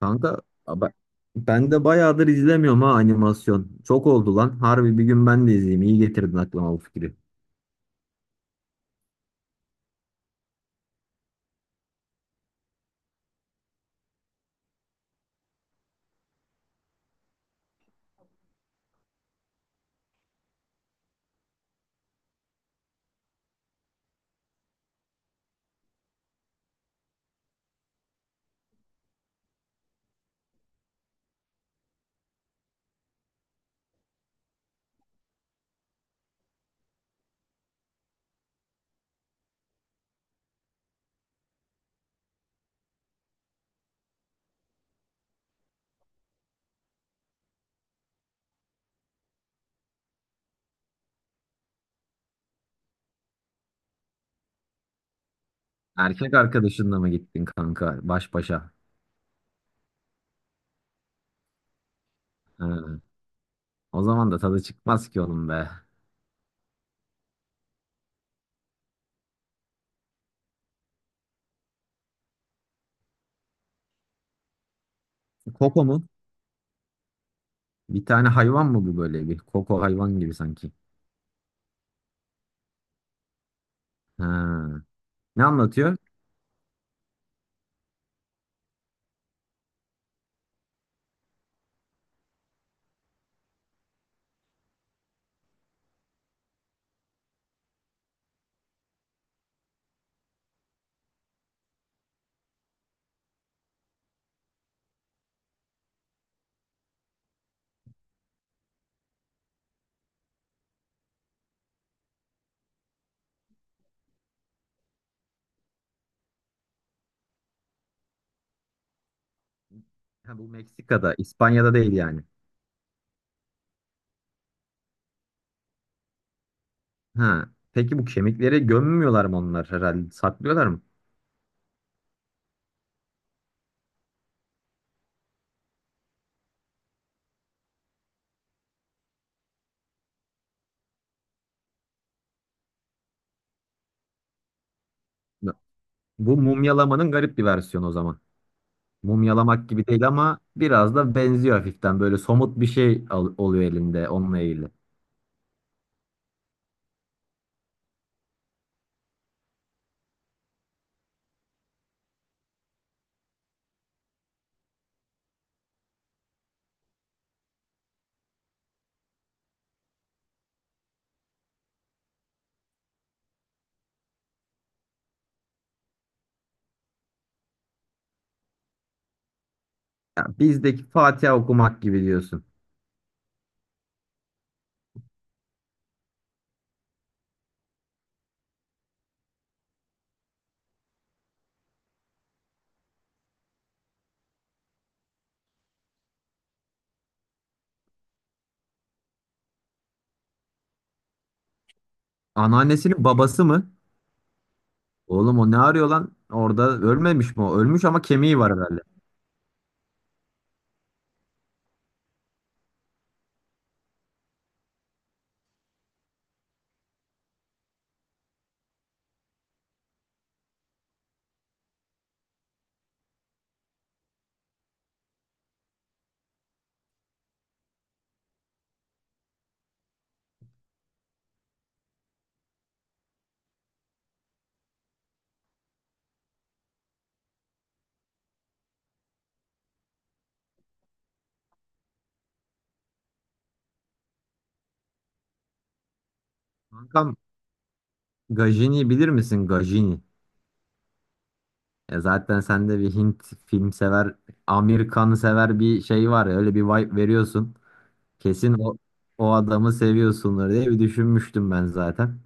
Kanka ben, ben de bayağıdır izlemiyorum ha animasyon. Çok oldu lan. Harbi bir gün ben de izleyeyim. İyi getirdin aklıma bu fikri. Erkek arkadaşınla mı gittin kanka baş başa? Ha, o zaman da tadı çıkmaz ki oğlum be. Koko mu? Bir tane hayvan mı bu böyle bir? Koko hayvan gibi sanki. Ha. Ne anlatıyor? Ha, bu Meksika'da, İspanya'da değil yani. Ha. Peki bu kemikleri gömmüyorlar mı onlar herhalde? Saklıyorlar mı? Bu mumyalamanın garip bir versiyonu o zaman. Mumyalamak gibi değil ama biraz da benziyor hafiften. Böyle somut bir şey oluyor elinde onunla ilgili. Ya bizdeki Fatiha okumak gibi diyorsun. Anneannesinin babası mı? Oğlum o ne arıyor lan? Orada ölmemiş mi o? Ölmüş ama kemiği var herhalde. Kankam Gajini bilir misin? Gajini. E zaten sende bir Hint film sever, Amerikan sever bir şey var ya. Öyle bir vibe veriyorsun. Kesin o adamı seviyorsundur diye bir düşünmüştüm ben zaten.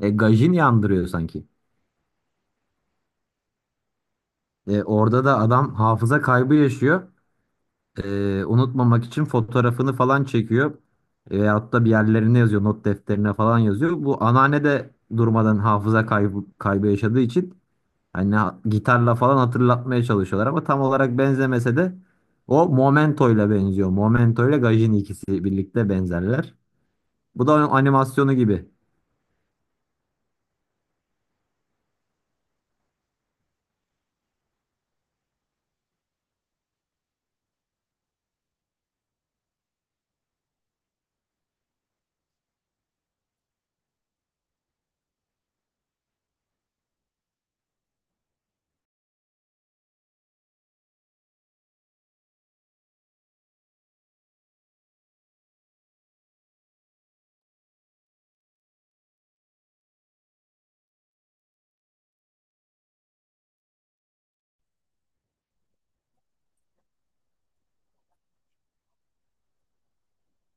E Gajini andırıyor sanki. Orada da adam hafıza kaybı yaşıyor. Unutmamak için fotoğrafını falan çekiyor. Veyahut da bir yerlerine yazıyor, not defterine falan yazıyor. Bu anneanne de durmadan hafıza kaybı yaşadığı için hani gitarla falan hatırlatmaya çalışıyorlar ama tam olarak benzemese de o Momento'yla benziyor. Momento'yla Gajin ikisi birlikte benzerler. Bu da animasyonu gibi.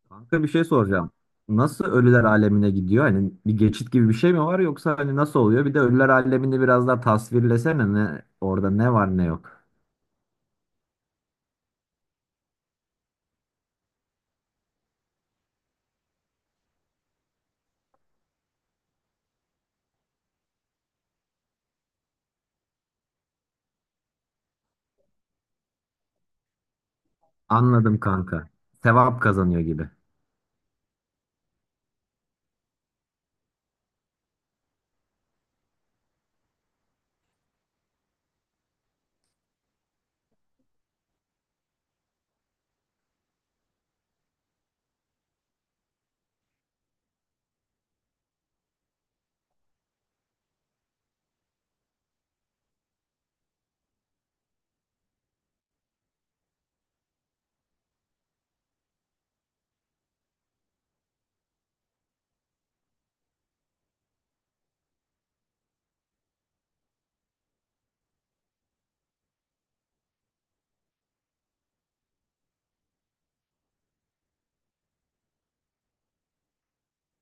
Kanka bir şey soracağım. Nasıl ölüler alemine gidiyor? Hani bir geçit gibi bir şey mi var yoksa hani nasıl oluyor? Bir de ölüler alemini biraz daha tasvirlesene ne orada ne var ne yok. Anladım kanka. Sevap kazanıyor gibi.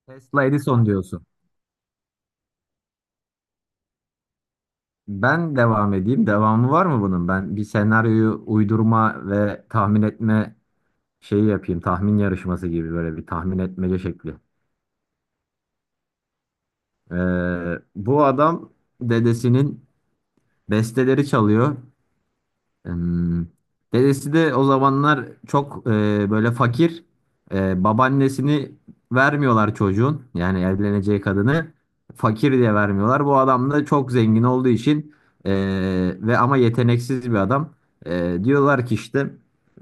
Tesla Edison diyorsun. Ben devam edeyim. Devamı var mı bunun? Ben bir senaryoyu uydurma ve tahmin etme şeyi yapayım. Tahmin yarışması gibi böyle bir tahmin etmece şekli. Bu adam dedesinin besteleri çalıyor. Hmm. Dedesi de o zamanlar çok böyle fakir. Babaannesini vermiyorlar çocuğun. Yani evleneceği kadını fakir diye vermiyorlar. Bu adam da çok zengin olduğu için e, ve ama yeteneksiz bir adam. Diyorlar ki işte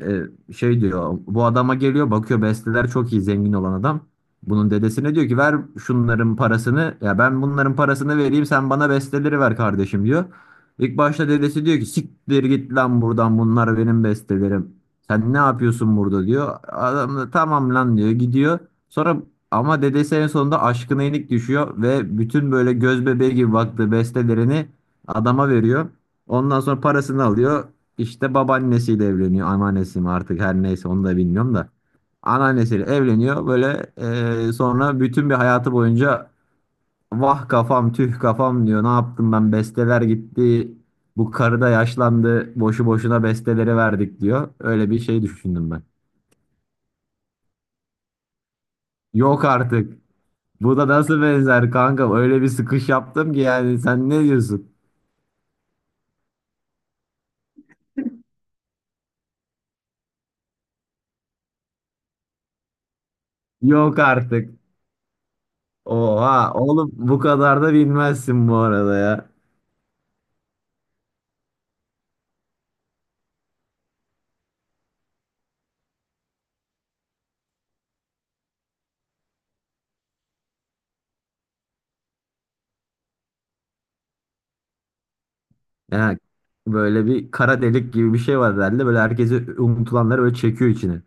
e, şey diyor bu adama geliyor bakıyor besteler çok iyi zengin olan adam. Bunun dedesine diyor ki ver şunların parasını ya ben bunların parasını vereyim sen bana besteleri ver kardeşim diyor. İlk başta dedesi diyor ki siktir git lan buradan bunlar benim bestelerim. Sen ne yapıyorsun burada diyor. Adam da tamam lan diyor gidiyor. Sonra ama dedesi en sonunda aşkına yenik düşüyor ve bütün böyle göz bebeği gibi baktığı bestelerini adama veriyor. Ondan sonra parasını alıyor. İşte babaannesiyle evleniyor. Anneannesi mi artık her neyse onu da bilmiyorum da. Anneannesiyle evleniyor. Böyle sonra bütün bir hayatı boyunca vah kafam tüh kafam diyor. Ne yaptım ben besteler gitti. Bu karı da yaşlandı. Boşu boşuna besteleri verdik diyor. Öyle bir şey düşündüm ben. Yok artık. Bu da nasıl benzer kanka? Öyle bir sıkış yaptım ki yani sen ne diyorsun? Yok artık. Oha oğlum bu kadar da bilmezsin bu arada ya. Yani böyle bir kara delik gibi bir şey var herhalde. Böyle herkesi unutulanları böyle çekiyor içine.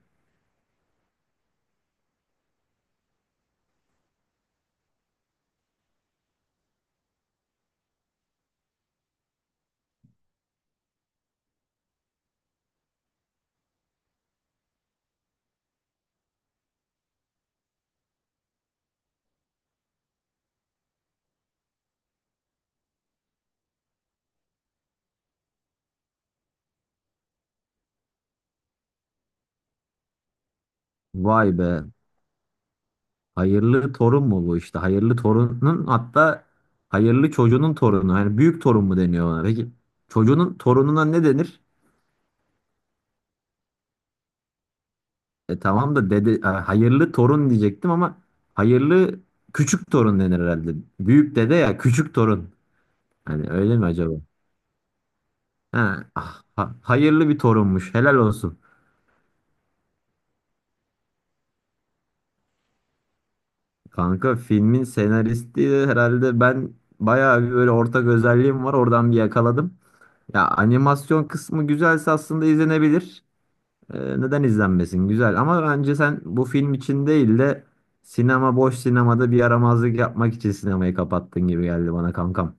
Vay be. Hayırlı torun mu bu işte? Hayırlı torunun hatta hayırlı çocuğunun torunu. Hani büyük torun mu deniyor ona? Peki çocuğunun torununa ne denir? E tamam da dede hayırlı torun diyecektim ama hayırlı küçük torun denir herhalde. Büyük dede ya küçük torun. Hani öyle mi acaba? Ha, Hayırlı bir torunmuş. Helal olsun. Kanka filmin senaristi de herhalde ben bayağı bir böyle ortak özelliğim var. Oradan bir yakaladım. Ya animasyon kısmı güzelse aslında izlenebilir. Neden izlenmesin? Güzel ama bence sen bu film için değil de sinema boş sinemada bir yaramazlık yapmak için sinemayı kapattın gibi geldi bana kankam.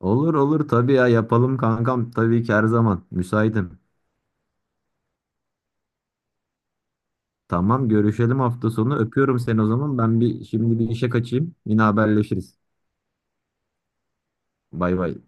Olur olur tabii ya yapalım kankam tabii ki her zaman müsaitim. Tamam görüşelim hafta sonu öpüyorum seni o zaman ben bir şimdi bir işe kaçayım yine haberleşiriz. Bay bay.